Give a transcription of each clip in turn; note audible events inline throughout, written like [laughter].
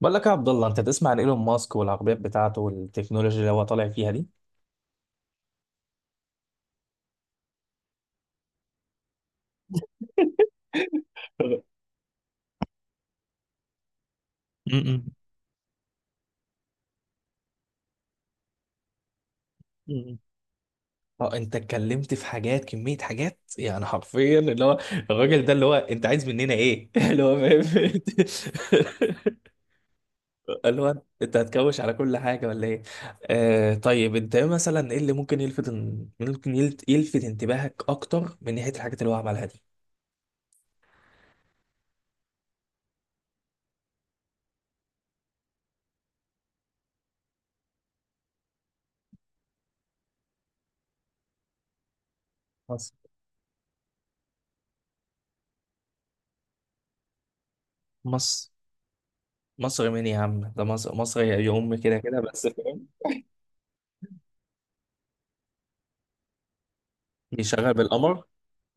بقول لك يا عبد الله، انت تسمع عن ايلون ماسك والعربيات بتاعته والتكنولوجيا اللي هو طالع فيها دي؟ [laughs] م-م. م-م. اه، انت اتكلمت في حاجات، كمية حاجات يعني حرفيا، اللي هو الراجل ده اللي هو انت عايز مننا ايه؟ [laughs] اللي هو فاهم؟ [laughs] اللي هو انت هتكوش على كل حاجة ولا ايه؟ آه طيب، انت ايه مثلا، ايه اللي ممكن يلفت، ممكن يلفت انتباهك اكتر من ناحية الحاجات اللي هو عملها دي؟ مصر. مصر. مصر مين يا عم؟ ده مصر مصر يا ام كده كده بس، فاهم؟ بيشغل بالقمر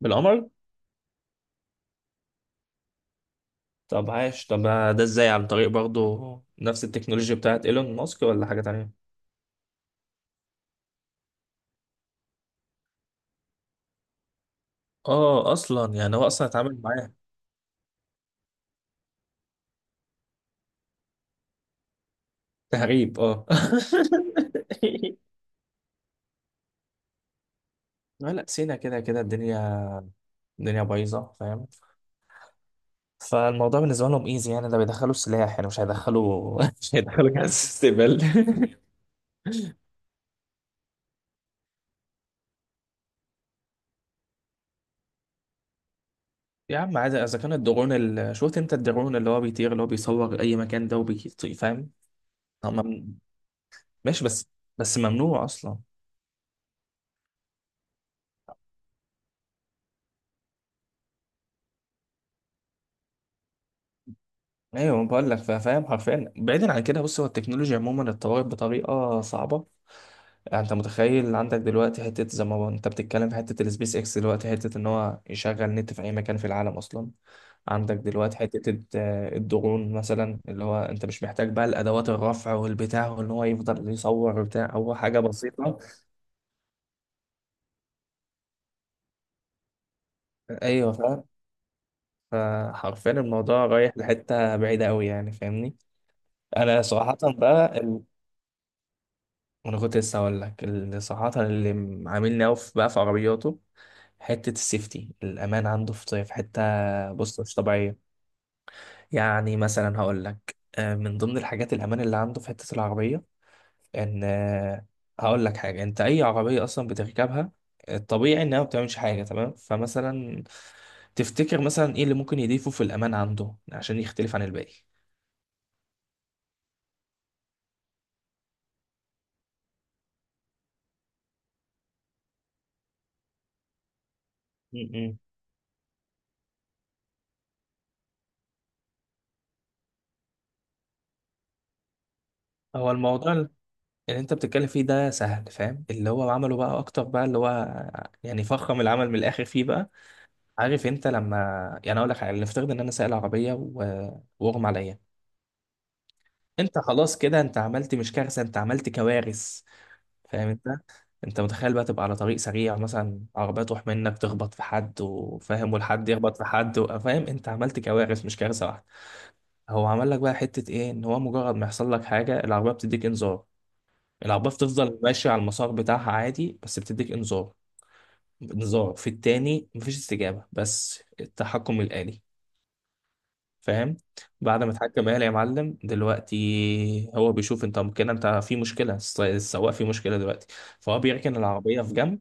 بالقمر طب عاش، طب. ده ازاي؟ عن طريق برضه نفس التكنولوجيا بتاعت ايلون ماسك، ولا حاجة تانية؟ اه، اصلا يعني هو اصلا اتعامل معاه. تهريب، اه. [laughs] لا، لا، سينا كده كده الدنيا بايظه، فاهم؟ فالموضوع بالنسبه لهم ايزي، يعني ده بيدخلوا سلاح، يعني مش هيدخلوا [laughs] مش هيدخلوا جهاز استقبال. [laughs] يا عم عادي، اذا كان الدرون شفت انت الدرون اللي هو بيطير، اللي هو بيصور اي مكان ده وبيطير، فاهم؟ هم- ماشي، بس ممنوع اصلا. ايوه بقول لك فاهم، حرفيا بعيدا عن كده، بص هو التكنولوجيا عموما اتطورت بطريقه صعبه. يعني انت متخيل عندك دلوقتي حته، زي ما انت بتتكلم في حته السبيس اكس دلوقتي، حته ان هو يشغل نت في اي مكان في العالم اصلا. عندك دلوقتي حته الدرون مثلا، اللي هو انت مش محتاج بقى الادوات، الرفع والبتاع، وان هو يفضل يصور بتاع، هو حاجه بسيطه. ايوه، فاهم. فحرفيا الموضوع رايح لحته بعيده قوي، يعني فاهمني. انا صراحه بقى، انا كنت لسه هقول لك، اللي صراحه، اللي عاملني قوي بقى في عربياته، حته السيفتي، الامان عنده في حته، بص مش طبيعيه. يعني مثلا هقول لك، من ضمن الحاجات، الامان اللي عنده في حته العربيه، ان آه، هقول لك حاجه، انت اي عربيه اصلا بتركبها، الطبيعي انها ما بتعملش حاجه، تمام؟ فمثلا، تفتكر مثلا ايه اللي ممكن يضيفه في الامان عنده عشان يختلف عن الباقي؟ م- م. هو الموضوع اللي انت بتتكلم فيه ده سهل، فاهم؟ اللي هو عمله بقى اكتر بقى، اللي هو يعني فخم العمل من الاخر فيه بقى. عارف انت لما، يعني اقول لك حاجه، نفترض ان انا سائق عربيه واغمى عليا، انت خلاص كده، انت عملت مش كارثه، انت عملت كوارث. فاهم انت؟ انت متخيل بقى تبقى على طريق سريع مثلا، عربيه تروح منك تخبط في حد وفاهم، والحد يخبط في حد فاهم، انت عملت كوارث مش كارثه واحده. هو عمل لك بقى حته ايه، ان هو مجرد ما يحصل لك حاجه العربيه بتديك انذار. العربية بتفضل ماشية على المسار بتاعها عادي، بس بتديك انذار. انذار، في التاني مفيش استجابة، بس التحكم الآلي. فاهم؟ بعد ما اتحكم آلي يا معلم، دلوقتي هو بيشوف انت كده انت في مشكلة، السواق في مشكلة دلوقتي. فهو بيركن العربية في جنب.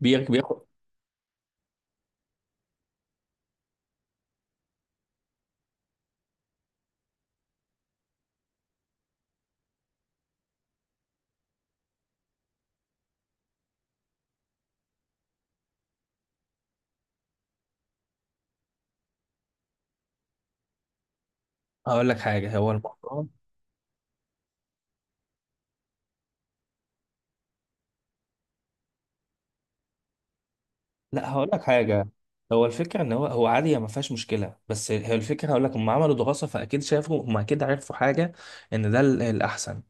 بياخد. هقول لك حاجة، هو الموضوع. لا، هقول لك حاجه، هو الفكره ان هو عادي، ما فيهاش مشكله، بس هي الفكره، هقول لك هم عملوا دراسه، فاكيد شافوا، هم اكيد عرفوا حاجه، ان ده الاحسن.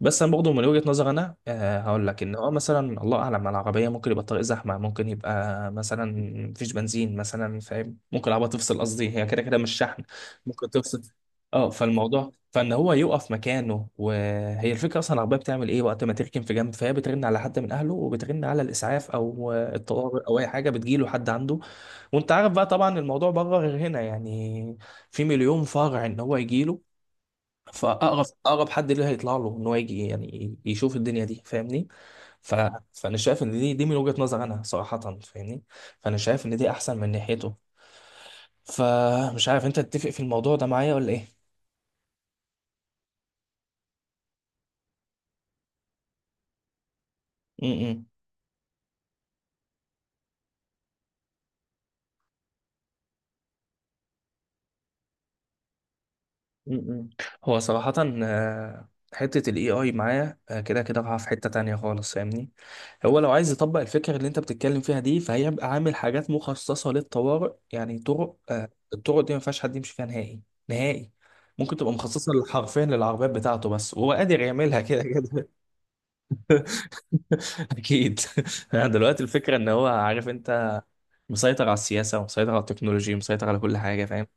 بس انا برضه من وجهه نظر انا، هقول لك ان هو مثلا الله اعلم على العربيه، ممكن يبقى الطريق زحمه، ممكن يبقى مثلا مفيش بنزين مثلا، فاهم؟ ممكن العربيه تفصل، قصدي هي كده كده مش شحن، ممكن تفصل. اه، فالموضوع، فان هو يقف مكانه، وهي الفكره اصلا العربيه بتعمل ايه وقت ما تركن في جنب؟ فهي بترن على حد من اهله، وبترن على الاسعاف او الطوارئ او اي حاجه، بتجيله حد عنده. وانت عارف بقى طبعا الموضوع بره غير هنا يعني، في مليون فرع ان هو يجيله، فاقرب اقرب حد ليه هيطلع له ان هو يجي، يعني يشوف الدنيا دي، فاهمني؟ ف... فانا شايف ان دي من وجهه نظر انا صراحه، فاهمني؟ فانا شايف ان دي احسن من ناحيته. فمش عارف، انت تتفق في الموضوع ده معايا ولا ايه؟ م- م. م-م. هو صراحة، حتة ال AI معايا كده كده رايحة في حتة تانية خالص، فاهمني؟ هو لو عايز يطبق الفكرة اللي انت بتتكلم فيها دي، فهيبقى عامل حاجات مخصصة للطوارئ، يعني طرق آه، الطرق دي ما فيهاش حد يمشي فيها نهائي. نهائي. ممكن تبقى مخصصة حرفيا للعربيات بتاعته بس، وهو قادر يعملها كده كده. [laughs] أكيد. [laughs] يعني دلوقتي الفكرة إن هو عارف، أنت مسيطر على السياسة ومسيطر على التكنولوجيا ومسيطر على كل حاجة، فاهم؟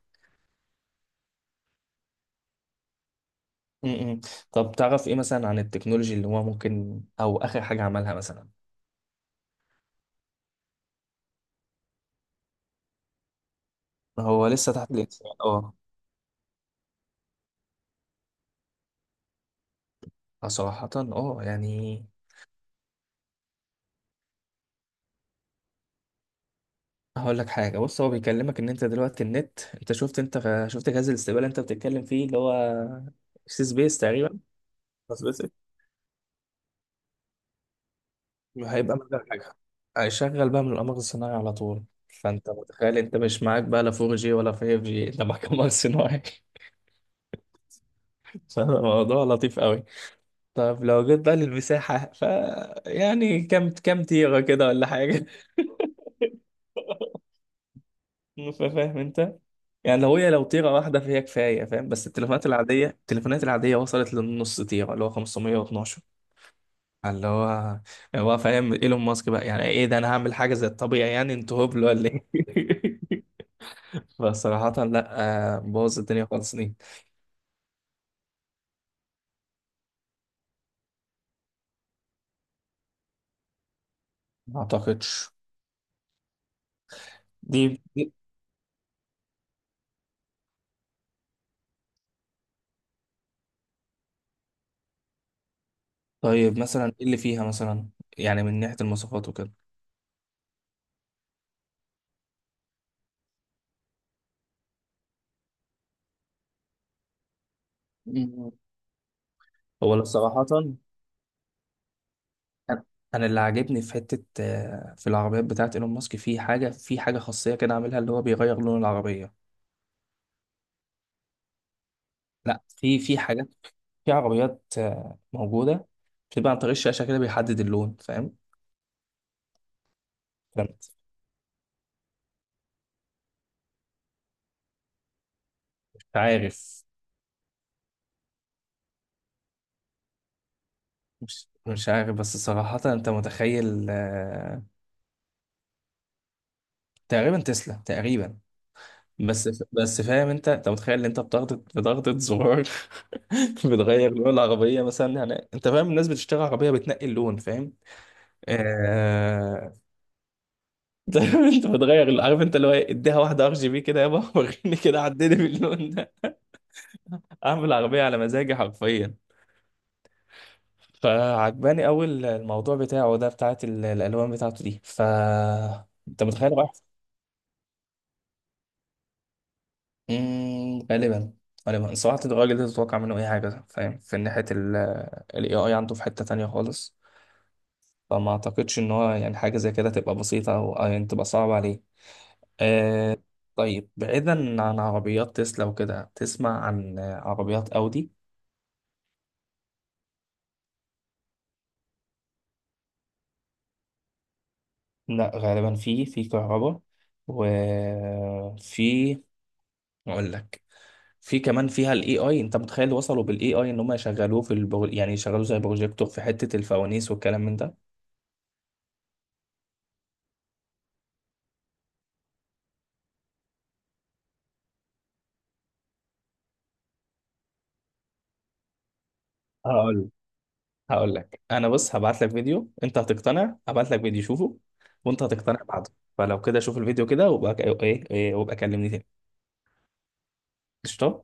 م-م. طب تعرف ايه مثلا عن التكنولوجي اللي هو ممكن، او اخر حاجه عملها مثلا؟ هو لسه تحت الانسان، اه. صراحه اه يعني، هقول لك حاجه، بص هو بيكلمك ان انت دلوقتي النت، انت شفت، انت شفت جهاز الاستقبال اللي انت بتتكلم فيه اللي هو سي سبيس تقريبا. سبيس هيبقى مجال حاجه، هيشغل بقى من القمر الصناعي على طول. فانت متخيل انت مش معاك بقى لا 4G ولا 5G، انت معاك قمر صناعي. [laughs] فالموضوع لطيف قوي. طب لو جيت بقى للمساحة، يعني كام تيرة كده ولا حاجة؟ [laughs] فاهم انت؟ يعني لو تيرة واحدة فهي كفاية، فاهم؟ بس التليفونات العادية وصلت للنص تيرة اللي هو 512، اللي هو فاهم ايلون ماسك بقى، يعني ايه ده؟ انا هعمل حاجة زي الطبيعي، يعني انتوا هبل ولا ايه؟ [laughs] فصراحة لا، بوظ الدنيا خالص دي. ما اعتقدش. دي دي- طيب مثلا ايه اللي فيها مثلا، يعني من ناحية المواصفات وكده؟ مم. هو لا صراحة، انا اللي عاجبني في حته، في العربيات بتاعت ايلون ماسك، في حاجه خاصيه كده عاملها، اللي هو بيغير لون العربيه. لا، في حاجات، في عربيات موجوده، بتبقى عن طريق الشاشه كده بيحدد اللون، فاهم؟ فأنت مش عارف. مش عارف بس صراحه، انت متخيل تقريبا تسلا تقريبا، بس فاهم انت، انت متخيل ان انت بضغطة زرار، [laughs] بتغير لون العربية مثلا، يعني انت فاهم، الناس بتشتري عربية بتنقي اللون، فاهم؟ آه. [laughs] انت بتغير عارف انت اللي هو ايه، اديها واحده ار جي بي كده يابا، [laughs] وريني كده عدني باللون ده. اعمل عربيه على مزاجي حرفيا. فعجباني قوي الموضوع بتاعه ده، بتاعت الالوان بتاعته دي. انت متخيل رايح. غالبا. غالبا صراحه، الراجل ده تتوقع منه اي حاجه، فاهم؟ في ناحيه الاي اي عنده في حته تانية خالص. فما اعتقدش ان هو يعني حاجه زي كده تبقى بسيطه، او يعني تبقى صعبه عليه. آه. طيب، بعيدا عن عربيات تسلا وكده، تسمع عن عربيات أودي؟ لا غالبا، في كهرباء، وفي، اقول لك، في كمان فيها الاي اي، انت متخيل وصلوا بالاي اي ان هم يشغلوه في يعني يشغلوه زي بروجيكتور في حتة الفوانيس والكلام من ده. هقول هقول لك انا، بص هبعت لك فيديو انت هتقتنع، هبعت لك فيديو شوفه وانت هتقتنع بعده. فلو كده شوف الفيديو كده، وبقى ايه إيه، وابقى كلمني تاني. قشطة.